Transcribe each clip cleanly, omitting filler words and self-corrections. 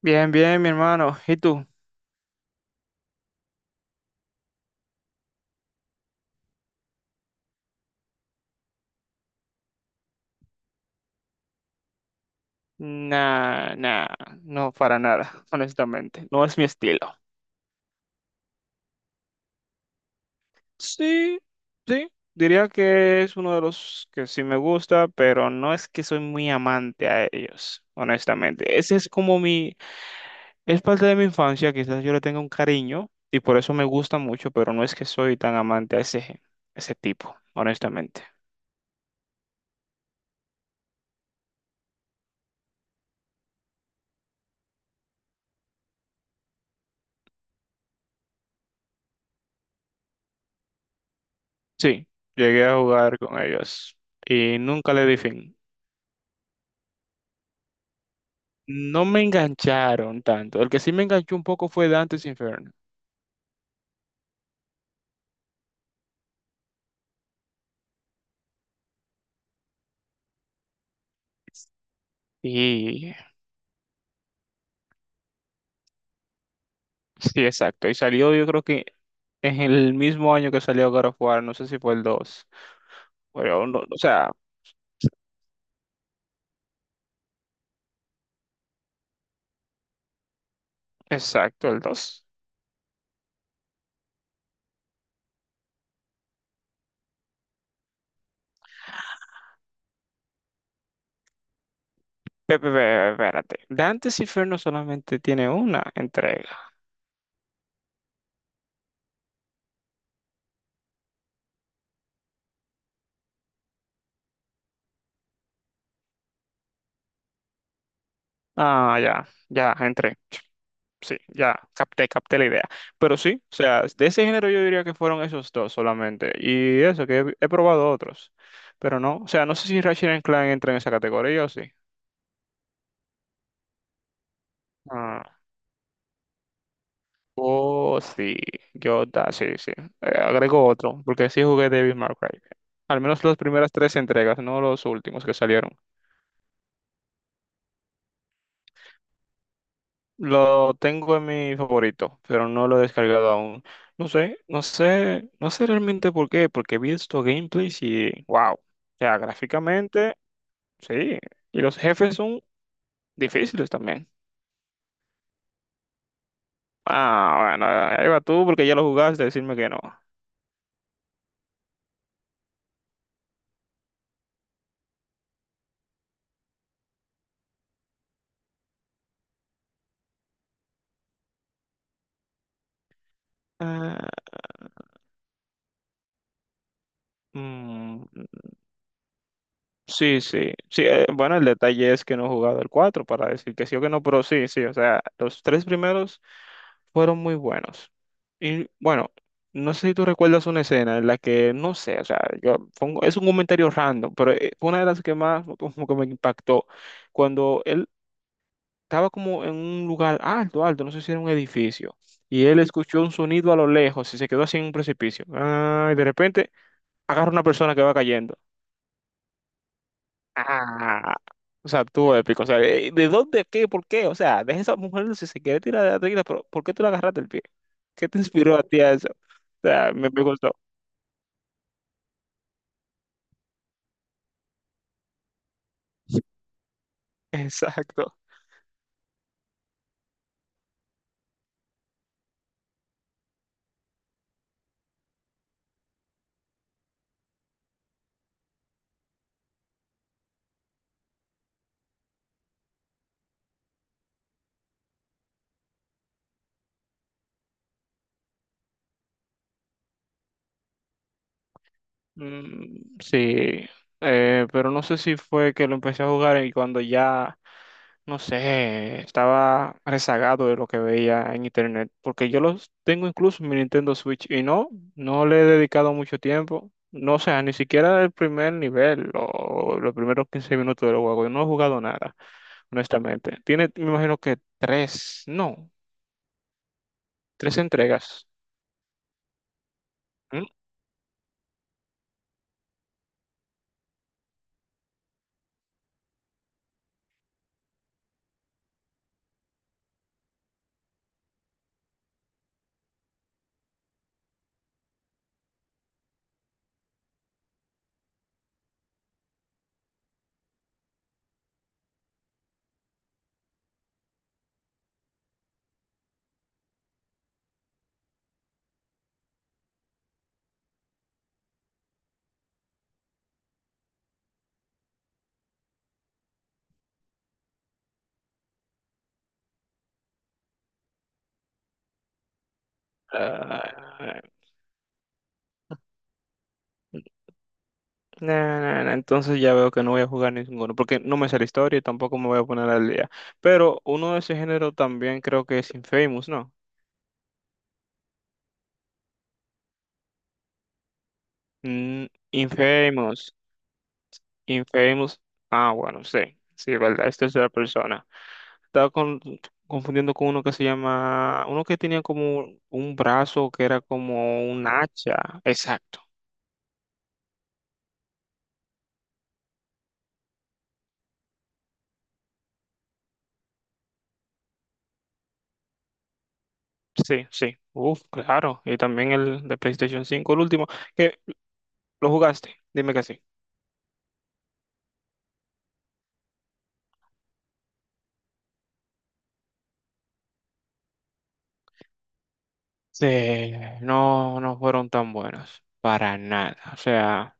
Bien, bien, mi hermano. ¿Y tú? Nah, nah, no para nada, honestamente. No es mi estilo. Sí, sí. Diría que es uno de los que sí me gusta, pero no es que soy muy amante a ellos, honestamente. Ese es como mi, es parte de mi infancia, quizás yo le tenga un cariño y por eso me gusta mucho, pero no es que soy tan amante a ese, ese tipo, honestamente. Sí, llegué a jugar con ellos y nunca le di fin. No me engancharon tanto. El que sí me enganchó un poco fue Dante's Inferno. Y sí, exacto. Y salió, yo creo que en el mismo año que salió God of War, no sé si fue el dos. Pero no, o sea, exacto, el 2. Espérate. Dante's Inferno solamente tiene una entrega. Ah, ya, ya, entré. Sí, ya capté, capté la idea. Pero sí, o sea, de ese género yo diría que fueron esos dos solamente. Y eso, que he probado otros. Pero no, o sea, no sé si Ratchet and Clank entra en esa categoría o sí. Ah, oh, sí, yo, da, sí, sí. Agrego otro, porque sí jugué Devil May Cry. Al menos las primeras tres entregas, no los últimos que salieron. Lo tengo en mi favorito, pero no lo he descargado aún. No sé realmente por qué, porque he visto gameplays y wow. O sea, gráficamente, sí. Y los jefes son difíciles también. Ah, bueno, ahí va tú porque ya lo jugaste, decirme que no. Ah, mm, sí, sí, sí, bueno, el detalle es que no he jugado el 4 para decir que sí o que no, pero sí, sí, o sea, los tres primeros fueron muy buenos. Y bueno, no sé si tú recuerdas una escena en la que, no sé, o sea, es un comentario random, pero fue una de las que más como que me impactó, cuando él estaba como en un lugar alto, alto, no sé si era un edificio, y él escuchó un sonido a lo lejos y se quedó así en un precipicio. Ah, y de repente agarra una persona que va cayendo. Ah, o sea, tú épico. O sea, ¿de dónde, qué, por qué? O sea, deja esa mujer si se quiere tirar de la tequila, pero ¿por qué tú la agarraste el pie? ¿Qué te inspiró a ti a eso? O sea, me gustó. Exacto. Mm, sí, pero no sé si fue que lo empecé a jugar y cuando ya, no sé, estaba rezagado de lo que veía en internet, porque yo los tengo incluso en mi Nintendo Switch y no, no le he dedicado mucho tiempo, no, o sea, ni siquiera el primer nivel o los primeros 15 minutos del juego, yo no he jugado nada, honestamente. Tiene, me imagino que tres, no, tres entregas. ¿Mm? Ah, nah, nah, nah, entonces ya veo que no voy a jugar ninguno, porque no me sé la historia y tampoco me voy a poner al día. Pero uno de ese género también creo que es Infamous, ¿no? Mm, Infamous, Infamous. Ah, bueno, sí, sí, verdad, es tercera persona. Estaba con- confundiendo con uno que se llama, uno que tenía como un brazo que era como un hacha. Exacto, sí, sí. Uf, claro. Y también el de PlayStation 5, el último, que lo jugaste, dime que sí. Sí, no, no fueron tan buenos, para nada. O sea,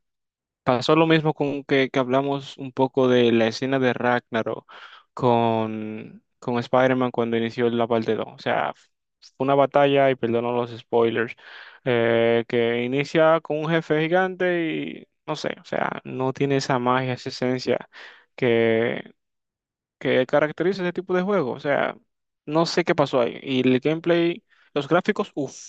pasó lo mismo con que hablamos un poco de la escena de Ragnarok con Spider-Man cuando inició la parte 2. O sea, fue una batalla, y perdono los spoilers, que inicia con un jefe gigante y no sé, o sea, no tiene esa magia, esa esencia que caracteriza ese tipo de juego. O sea, no sé qué pasó ahí. Y el gameplay, los gráficos, uff,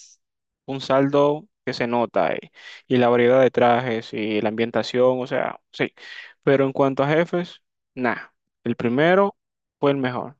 un saldo que se nota ahí. Y la variedad de trajes y la ambientación, o sea, sí. Pero en cuanto a jefes, nada. El primero fue el mejor.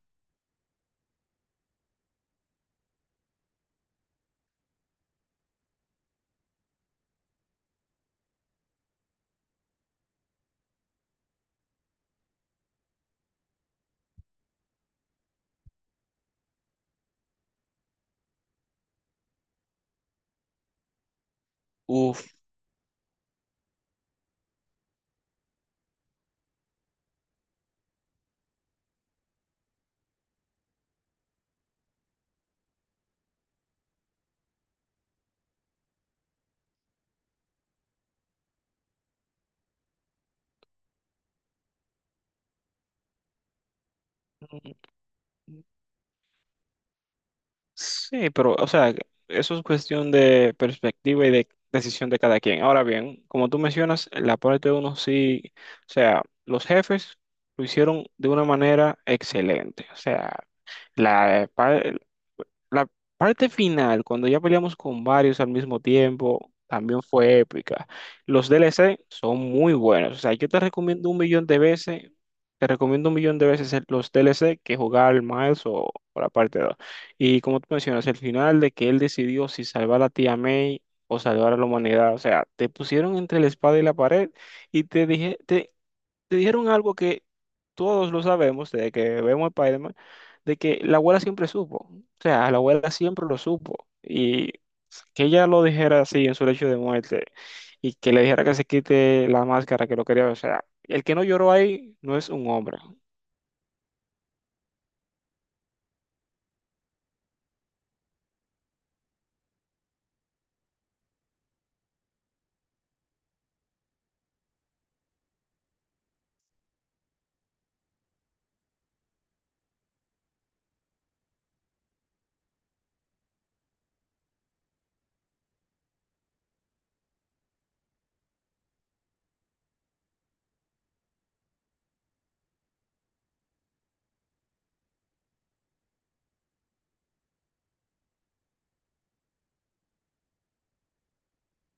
Uff. Sí, pero, o sea, eso es cuestión de perspectiva y de decisión de cada quien. Ahora bien, como tú mencionas, la parte de uno sí, o sea, los jefes lo hicieron de una manera excelente. O sea, la, la parte final, cuando ya peleamos con varios al mismo tiempo, también fue épica. Los DLC son muy buenos. O sea, yo te recomiendo un millón de veces, te recomiendo un millón de veces los DLC que jugar el Miles o la parte dos. Y como tú mencionas, el final de que él decidió si salvar a tía May o salvar a la humanidad. O sea, te pusieron entre la espada y la pared y te dijeron algo que todos lo sabemos desde que vemos Spider-Man, de que la abuela siempre supo. O sea, la abuela siempre lo supo. Y que ella lo dijera así en su lecho de muerte y que le dijera que se quite la máscara que lo quería. O sea, el que no lloró ahí no es un hombre.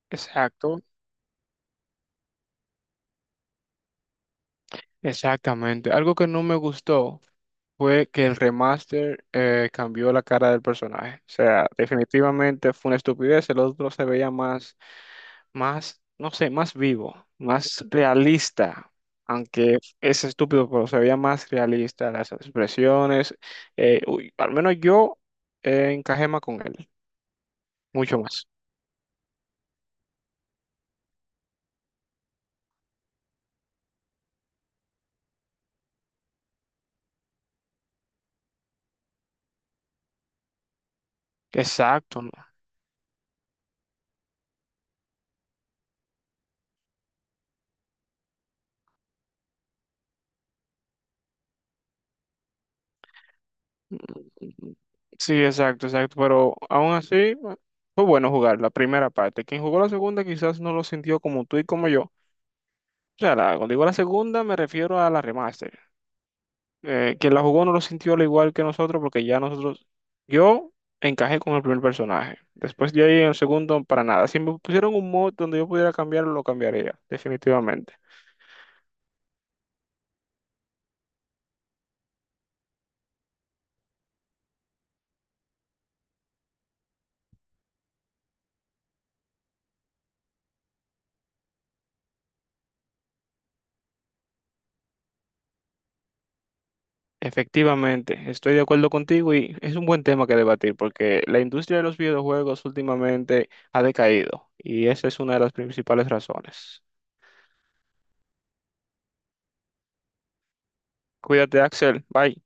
Exacto, exactamente. Algo que no me gustó fue que el remaster cambió la cara del personaje. O sea, definitivamente fue una estupidez. El otro se veía más más, no sé, más vivo, más realista, aunque es estúpido, pero se veía más realista las expresiones. Al menos yo encajé más con él, mucho más. Exacto. ¿No? Mm, sí, exacto, exacto, pero aún así bueno, fue bueno jugar la primera parte. Quien jugó la segunda quizás no lo sintió como tú y como yo. O sea, cuando digo la segunda me refiero a la remaster. Quien la jugó no lo sintió al igual que nosotros porque ya nosotros, yo encajé con el primer personaje. Después de ahí en el segundo, para nada. Si me pusieron un mod donde yo pudiera cambiarlo, lo cambiaría, definitivamente. Efectivamente, estoy de acuerdo contigo y es un buen tema que debatir porque la industria de los videojuegos últimamente ha decaído y esa es una de las principales razones. Cuídate, Axel. Bye.